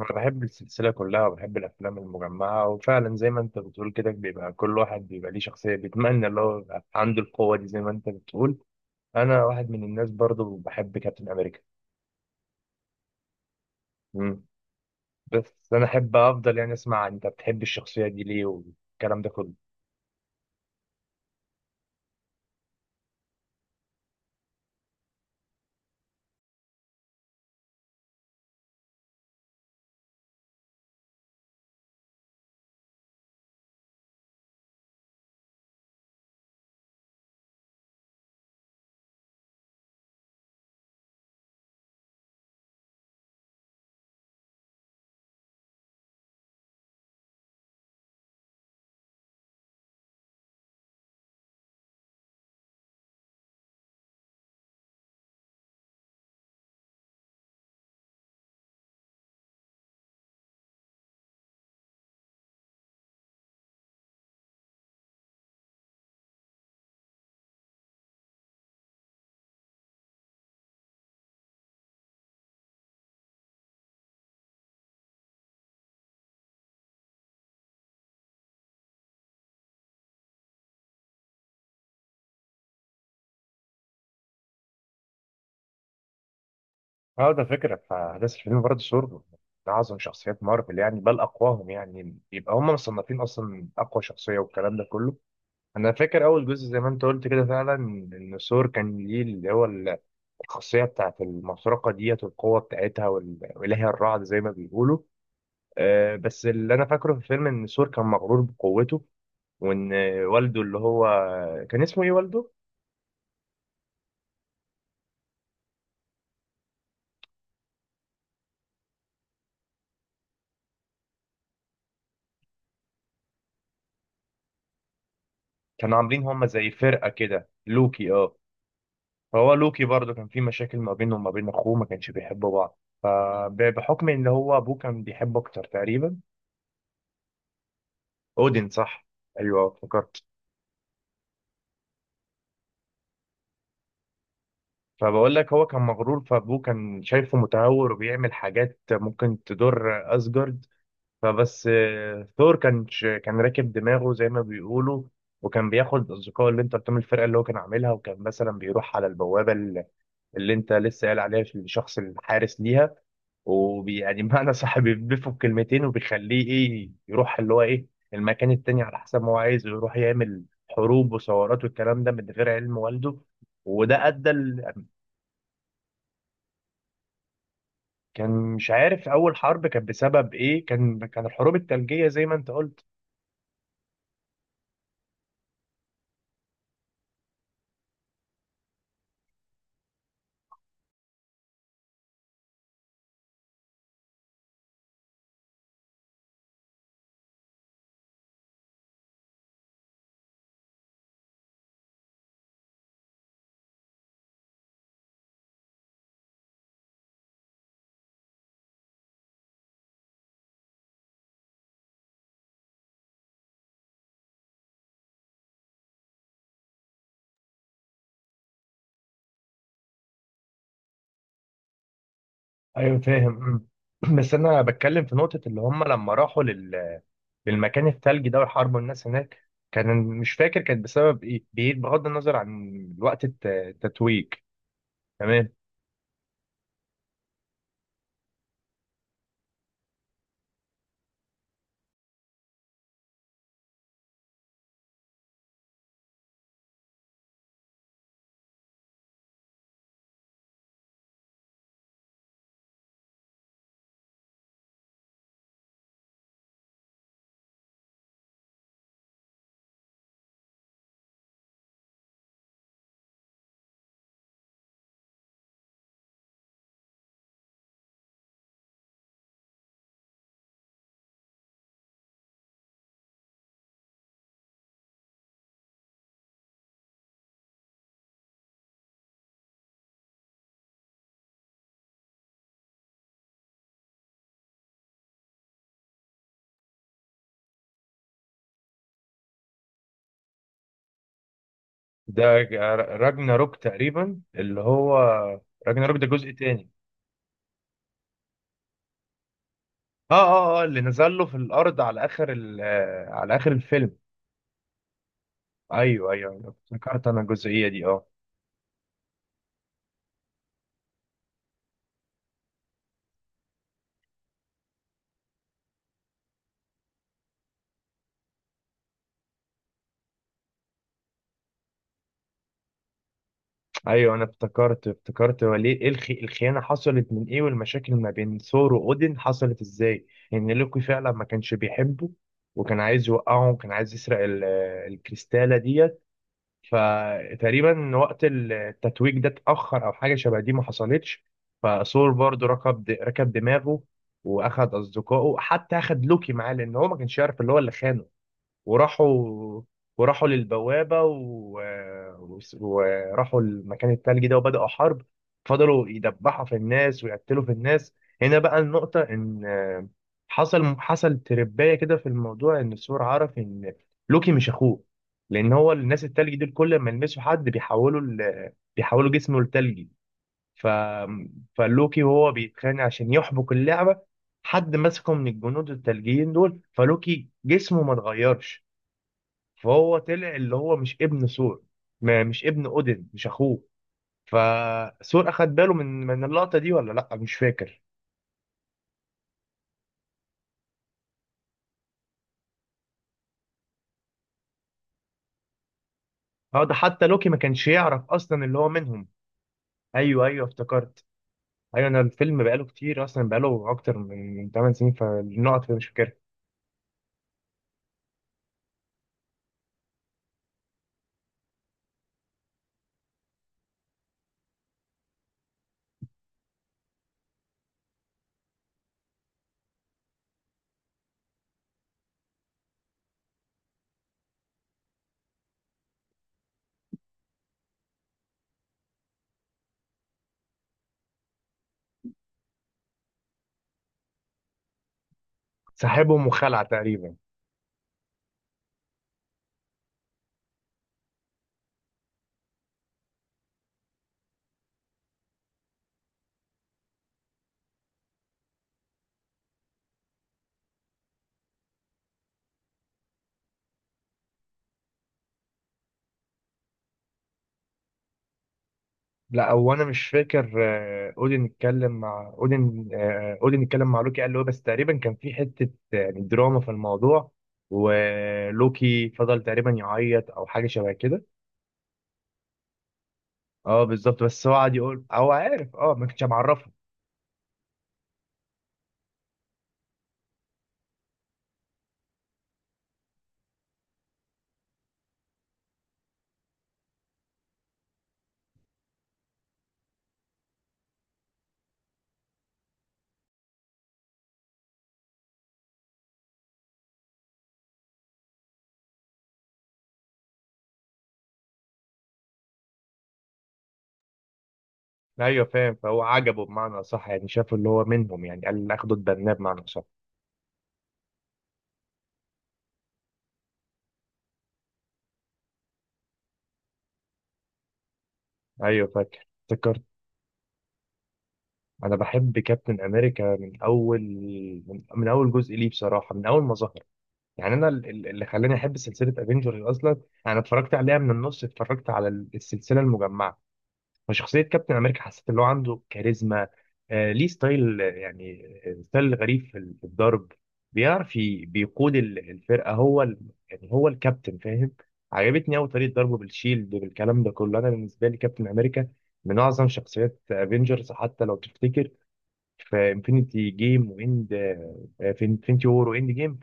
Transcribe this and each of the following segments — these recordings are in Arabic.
أنا بحب السلسلة كلها وبحب الأفلام المجمعة وفعلا زي ما أنت بتقول كده بيبقى كل واحد بيبقى ليه شخصية بيتمنى اللي هو يبقى عنده القوة دي زي ما أنت بتقول. أنا واحد من الناس برضو بحب كابتن أمريكا. مم. بس أنا أحب أفضل يعني أسمع أنت بتحب الشخصية دي ليه والكلام ده كله. أه، ده فكرة فأحداث الفيلم برضه سور من أعظم شخصيات مارفل يعني بل أقواهم يعني يبقى هم مصنفين أصلا أقوى شخصية والكلام ده كله. أنا فاكر أول جزء زي ما أنت قلت كده فعلا إن سور كان ليه اللي هو الخاصية بتاعت المسرقة ديت والقوة بتاعتها وإلهي الرعد زي ما بيقولوا. بس اللي أنا فاكره في الفيلم إن سور كان مغرور بقوته وإن والده اللي هو كان اسمه إيه والده؟ كانوا عاملين هما زي فرقة كده لوكي فهو لوكي برضه كان في مشاكل ما بينه وما بين أخوه ما كانش بيحبوا بعض فبحكم إن هو أبوه كان بيحبه أكتر تقريبا. أودين صح؟ أيوه افتكرت. فبقول لك هو كان مغرور فابوه كان شايفه متهور وبيعمل حاجات ممكن تضر اسجارد. فبس ثور كان راكب دماغه زي ما بيقولوا. وكان بياخد اصدقائه اللي انت قلت لهم الفرقه اللي هو كان عاملها وكان مثلا بيروح على البوابه اللي انت لسه قايل عليها في الشخص الحارس ليها. ويعني معنى صح بيضيفه بكلمتين وبيخليه ايه يروح اللي هو ايه المكان التاني على حسب ما هو عايز ويروح يعمل حروب وثورات والكلام ده من غير علم والده. وده ادى. كان مش عارف اول حرب كان بسبب ايه. كان الحروب الثلجيه زي ما انت قلت. ايوه فاهم. مم. بس انا بتكلم في نقطه اللي هم لما راحوا للمكان الثلجي ده وحاربوا الناس هناك كان مش فاكر كانت بسبب ايه بعيد بغض النظر عن وقت التتويج. تمام. ده راجناروك تقريبا اللي هو. راجناروك ده جزء تاني. اه اه اه اللي نزل له في الارض على اخر الفيلم. ايوه ايوه أيوة، افتكرت انا الجزئيه دي اه ايوه انا افتكرت هو ليه ايه الخيانه حصلت من ايه والمشاكل ما بين ثور واودين حصلت ازاي؟ ان لوكي فعلا ما كانش بيحبه وكان عايز يوقعه وكان عايز يسرق الكريستاله ديت. فتقريبا وقت التتويج ده اتاخر او حاجه شبه دي ما حصلتش. فثور برضه ركب دماغه. واخد اصدقائه حتى اخد لوكي معاه لان هو ما كانش يعرف اللي هو اللي خانه. وراحوا وراحوا للبوابة وراحوا المكان التلجي ده وبدأوا حرب. فضلوا يدبحوا في الناس ويقتلوا في الناس. هنا بقى النقطة إن حصل ترباية كده في الموضوع إن السور عرف إن لوكي مش أخوه. لأن هو الناس التلجي دول كل ما يلمسوا حد بيحولوا جسمه لتلجي. ف... فلوكي وهو بيتخانق عشان يحبك اللعبة حد مسكه من الجنود التلجيين دول فلوكي جسمه ما اتغيرش. فهو طلع اللي هو مش ابن ثور ما مش ابن اودن مش اخوه. فثور اخد باله من اللقطه دي ولا لا مش فاكر. اه ده حتى لوكي ما كانش يعرف اصلا اللي هو منهم. ايوه ايوه افتكرت. ايوه انا الفيلم بقاله كتير اصلا بقاله اكتر من 8 سنين فالنقط مش فاكرها. سحبهم وخلع تقريبا. لا هو انا مش فاكر. اودين اتكلم مع لوكي قال له إيه، بس تقريبا كان في حته يعني دراما في الموضوع. ولوكي فضل تقريبا يعيط او حاجه شبه كده. اه بالظبط بس هو قعد يقول هو عارف ما كنتش معرفه. ايوه فاهم. فهو عجبه بمعنى صح يعني شافه اللي هو منهم يعني قال اخده اتبناه بمعنى صح. ايوه فاكر افتكرت. انا بحب كابتن امريكا من اول من اول جزء ليه بصراحه من اول ما ظهر. يعني انا اللي خلاني احب سلسله افنجرز اصلا. انا اتفرجت عليها من النص اتفرجت على السلسله المجمعه. فشخصيه كابتن امريكا حسيت ان هو عنده كاريزما. ليه ستايل، يعني ستايل غريب في الضرب. بيعرف بيقود الفرقه هو. يعني هو الكابتن فاهم. عجبتني قوي طريقه ضربه بالشيلد بالكلام ده كله انا بالنسبه لي كابتن امريكا من اعظم شخصيات افنجرز حتى لو تفتكر في انفينيتي وور واند جيم.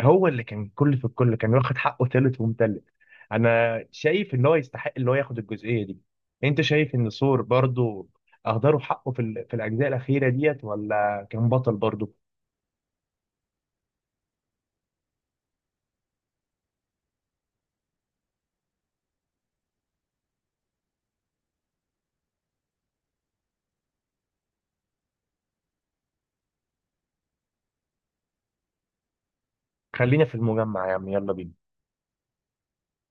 هو اللي كان كل في الكل كان واخد حقه ثالث ومتلت. انا شايف ان هو يستحق اللي هو ياخد الجزئيه دي. انت شايف ان ثور برضو اهدروا حقه في الاجزاء الاخيره ديت ولا كان بطل برضو؟ خلينا في المجمع يا عم يلا بينا.